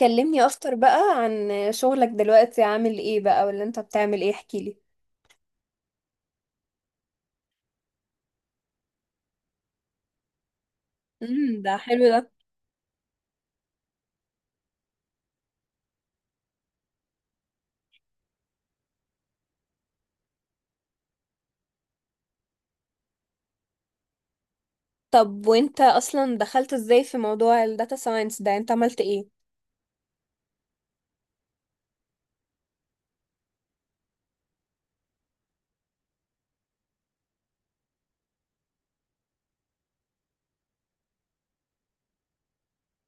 كلمني اكتر بقى عن شغلك دلوقتي، عامل ايه بقى؟ ولا انت بتعمل ايه؟ احكيلي. ده حلو ده. طب وانت اصلا دخلت ازاي في موضوع الداتا ساينس ده؟ انت عملت ايه؟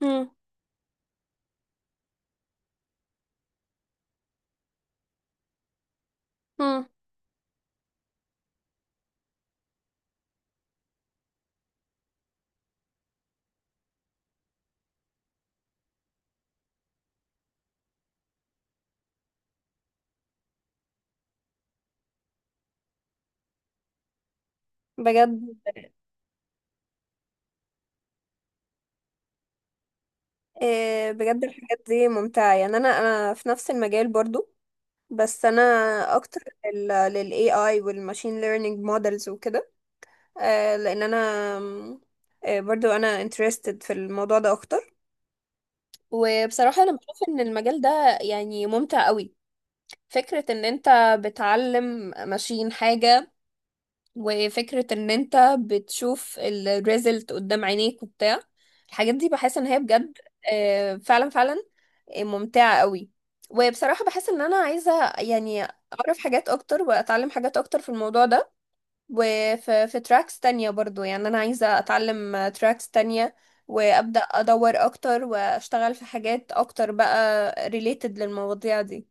مم. مم. بجد؟ بجد الحاجات دي ممتعة، يعني انا في نفس المجال برضو. بس انا اكتر لل AI وال machine learning models وكده. لان انا برضو انا interested في الموضوع ده اكتر. وبصراحة انا بشوف ان المجال ده يعني ممتع قوي. فكرة ان انت بتعلم ماشين حاجة، وفكرة ان انت بتشوف الريزلت قدام عينيك وبتاع الحاجات دي، بحس ان هي بجد. فعلا فعلا، ممتعة قوي. وبصراحة بحس ان انا عايزة يعني اعرف حاجات اكتر واتعلم حاجات اكتر في الموضوع ده. وفي تراكس تانية برضو، يعني انا عايزة اتعلم تراكس تانية وابدأ ادور اكتر واشتغل في حاجات اكتر بقى ريليتد للمواضيع دي.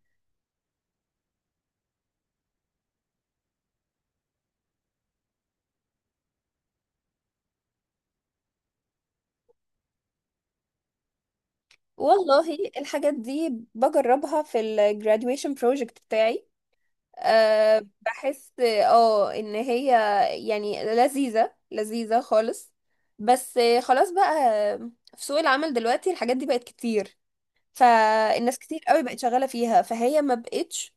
والله الحاجات دي بجربها في ال graduation project بتاعي. أه بحس اه ان هي يعني لذيذة لذيذة خالص. بس خلاص بقى، في سوق العمل دلوقتي الحاجات دي بقت كتير، فالناس كتير قوي بقت شغالة فيها، فهي ما بقتش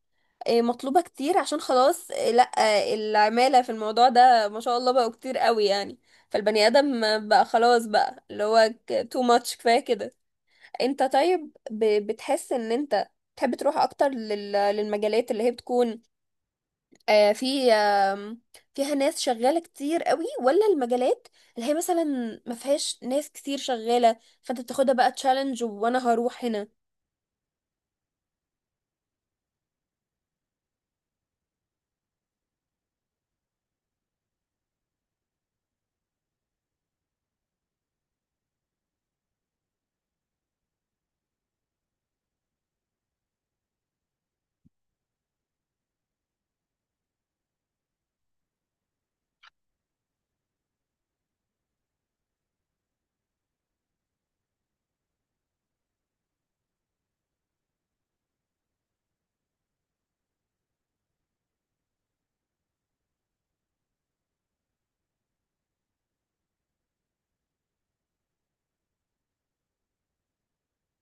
مطلوبة كتير. عشان خلاص آه، لا آه، العمالة في الموضوع ده ما شاء الله بقوا كتير قوي يعني. فالبني آدم بقى خلاص بقى اللي هو too much، كفاية كده. انت طيب، بتحس ان انت تحب تروح اكتر للمجالات اللي هي بتكون في فيها ناس شغالة كتير قوي، ولا المجالات اللي هي مثلا ما فيهاش ناس كتير شغالة، فانت بتاخدها بقى تشالنج وانا هروح هنا؟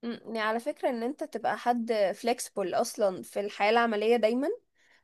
مم، يعني على فكرة، ان انت تبقى حد flexible اصلا في الحياة العملية دايما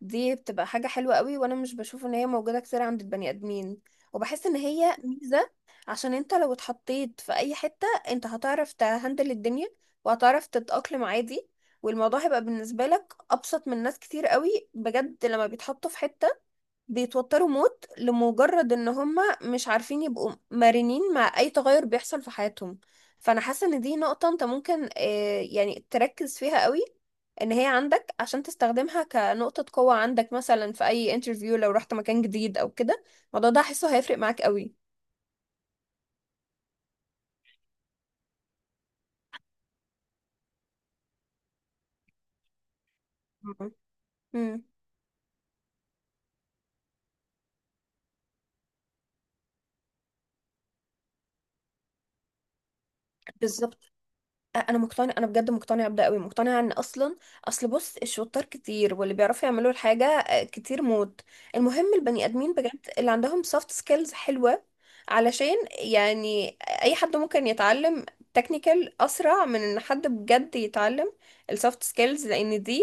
دي بتبقى حاجة حلوة قوي، وانا مش بشوف ان هي موجودة كتير عند البني ادمين، وبحس ان هي ميزة. عشان انت لو اتحطيت في اي حتة، انت هتعرف تهندل الدنيا وهتعرف تتأقلم عادي، والموضوع هيبقى بالنسبة لك ابسط من ناس كتير قوي بجد لما بيتحطوا في حتة بيتوتروا موت لمجرد ان هم مش عارفين يبقوا مرنين مع اي تغير بيحصل في حياتهم. فانا حاسه ان دي نقطه انت ممكن يعني تركز فيها قوي، ان هي عندك، عشان تستخدمها كنقطه قوه عندك مثلا في اي انترفيو لو رحت مكان جديد او كده. الموضوع ده هحسه هيفرق معاك قوي. امم، انا مقتنع، انا بجد مقتنعه بده قوي. مقتنعه ان اصلا، اصل بص، الشطار كتير، واللي بيعرفوا يعملوا الحاجه كتير موت. المهم البني ادمين بجد اللي عندهم سوفت سكيلز حلوه. علشان يعني اي حد ممكن يتعلم تكنيكال اسرع من ان حد بجد يتعلم السوفت سكيلز. لان دي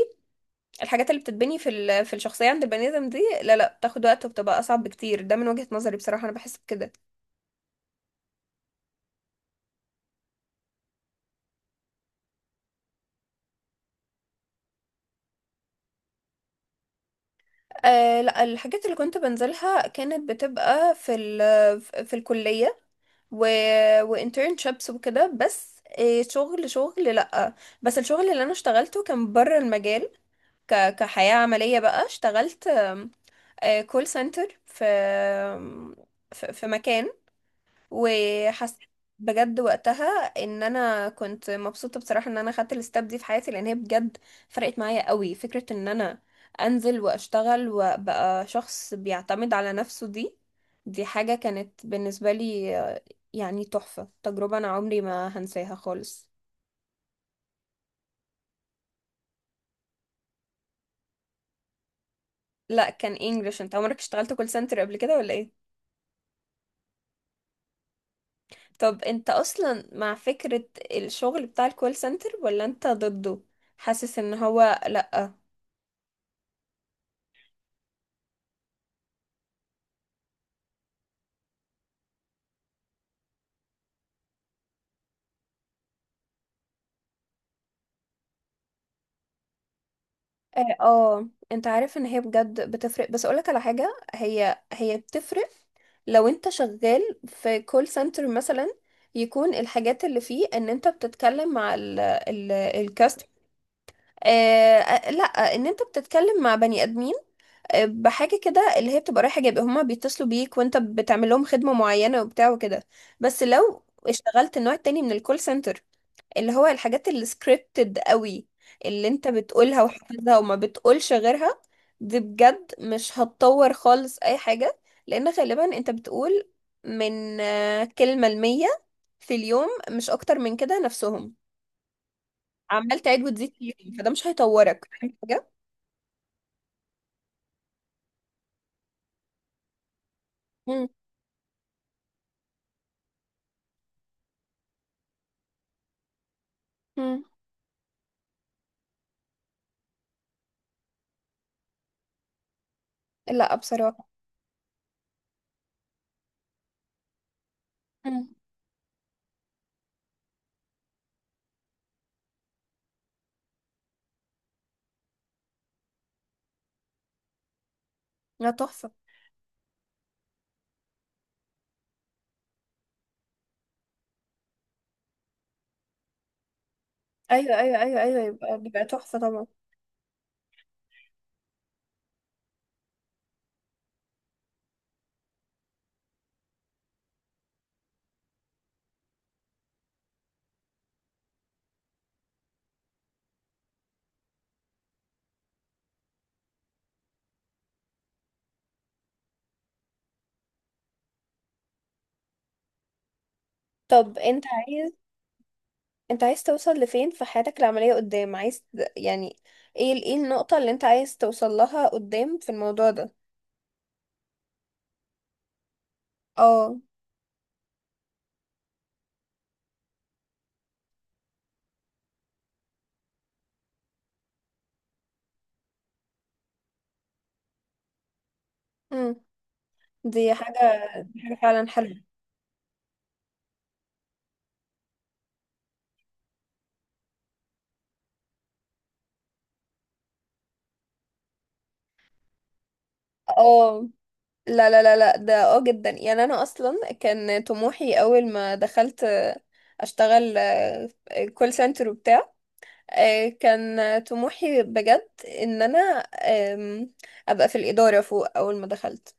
الحاجات اللي بتتبني في في الشخصيه عند البني ادم دي، لا بتاخد وقت وبتبقى اصعب بكتير. ده من وجهه نظري بصراحه، انا بحس بكده. أه لا، الحاجات اللي كنت بنزلها كانت بتبقى في في الكلية و... وانترنشيبس وكده، بس إيه، شغل شغل لأ. بس الشغل اللي انا اشتغلته كان بره المجال. كحياة عملية بقى اشتغلت كول سنتر في في مكان، وحسيت بجد وقتها ان انا كنت مبسوطه بصراحه ان انا خدت الستاب دي في حياتي، لان هي بجد فرقت معايا قوي. فكره ان انا انزل واشتغل وابقى شخص بيعتمد على نفسه، دي حاجه كانت بالنسبه لي يعني تحفه، تجربه انا عمري ما هنساها خالص. لا كان انجلش. انت عمرك اشتغلت كول سنتر قبل كده ولا ايه؟ طب انت اصلا مع فكره الشغل بتاع الكول سنتر ولا انت ضده، حاسس ان هو لا؟ اه انت عارف ان هي بجد بتفرق، بس اقولك على حاجة، هي بتفرق لو انت شغال في كول سنتر مثلا، يكون الحاجات اللي فيه ان انت بتتكلم مع ال الكاست، آه لا، ان انت بتتكلم مع بني ادمين بحاجه كده، اللي هي بتبقى رايحه جايبه، هما بيتصلوا بيك وانت بتعمل لهم خدمه معينه وبتاع وكده. بس لو اشتغلت النوع التاني من الكول سنتر، اللي هو الحاجات السكريبتد قوي، اللي انت بتقولها وحافظها وما بتقولش غيرها، دي بجد مش هتطور خالص اي حاجة. لان غالبا انت بتقول من كلمة المية في اليوم، مش اكتر من كده، نفسهم، عمال تعيد وتزيد في اليوم، فده مش هيطورك، فاهم حاجة؟ مم. مم. لا بصراحة. مم. لا تحفة. ايوه ايوه ايوه ايوه، يبقى بيبقى تحفه طبعا. طب انت عايز، انت عايز توصل لفين في حياتك العملية قدام؟ عايز يعني ايه ايه النقطة اللي انت عايز توصل لها قدام في الموضوع ده؟ اه. امم، دي حاجة، دي حاجة فعلا حلوة. اه، لا لا لا لا، ده اه جدا، يعني انا اصلا كان طموحي اول ما دخلت اشتغل كول سنتر وبتاع، كان طموحي بجد ان انا آم، ابقى في الاداره فوق اول ما دخلت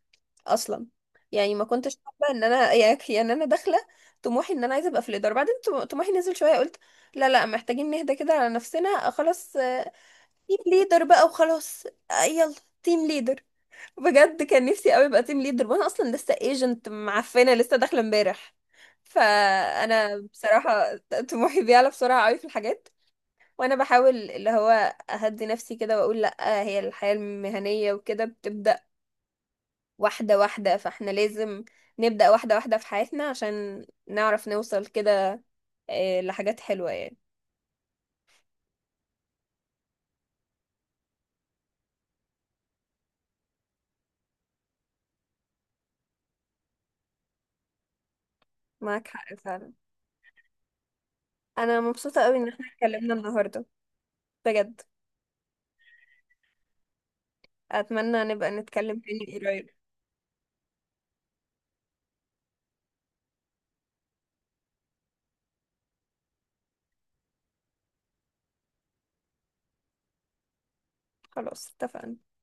اصلا، يعني ما كنتش حابه ان انا يعني يعني انا داخله طموحي ان انا عايزه ابقى في الاداره بعدين، طموحي نزل شويه، قلت لا لا، محتاجين نهدى كده على نفسنا، خلاص تيم ليدر بقى وخلاص، يلا تيم ليدر. بجد كان نفسي قوي ابقى تيم ليدر، وانا اصلا لسه ايجنت معفنه لسه داخله امبارح. فانا بصراحه طموحي بيعلى بسرعه قوي في الحاجات، وانا بحاول اللي هو اهدي نفسي كده واقول لا، هي الحياة المهنية وكده بتبدأ واحدة واحدة، فاحنا لازم نبدأ واحدة واحدة في حياتنا عشان نعرف نوصل كده لحاجات حلوة يعني. معاك حق فعلا. انا مبسوطة قوي ان احنا اتكلمنا النهاردة بجد. اتمنى نبقى نتكلم تاني قريب. خلاص، اتفقنا.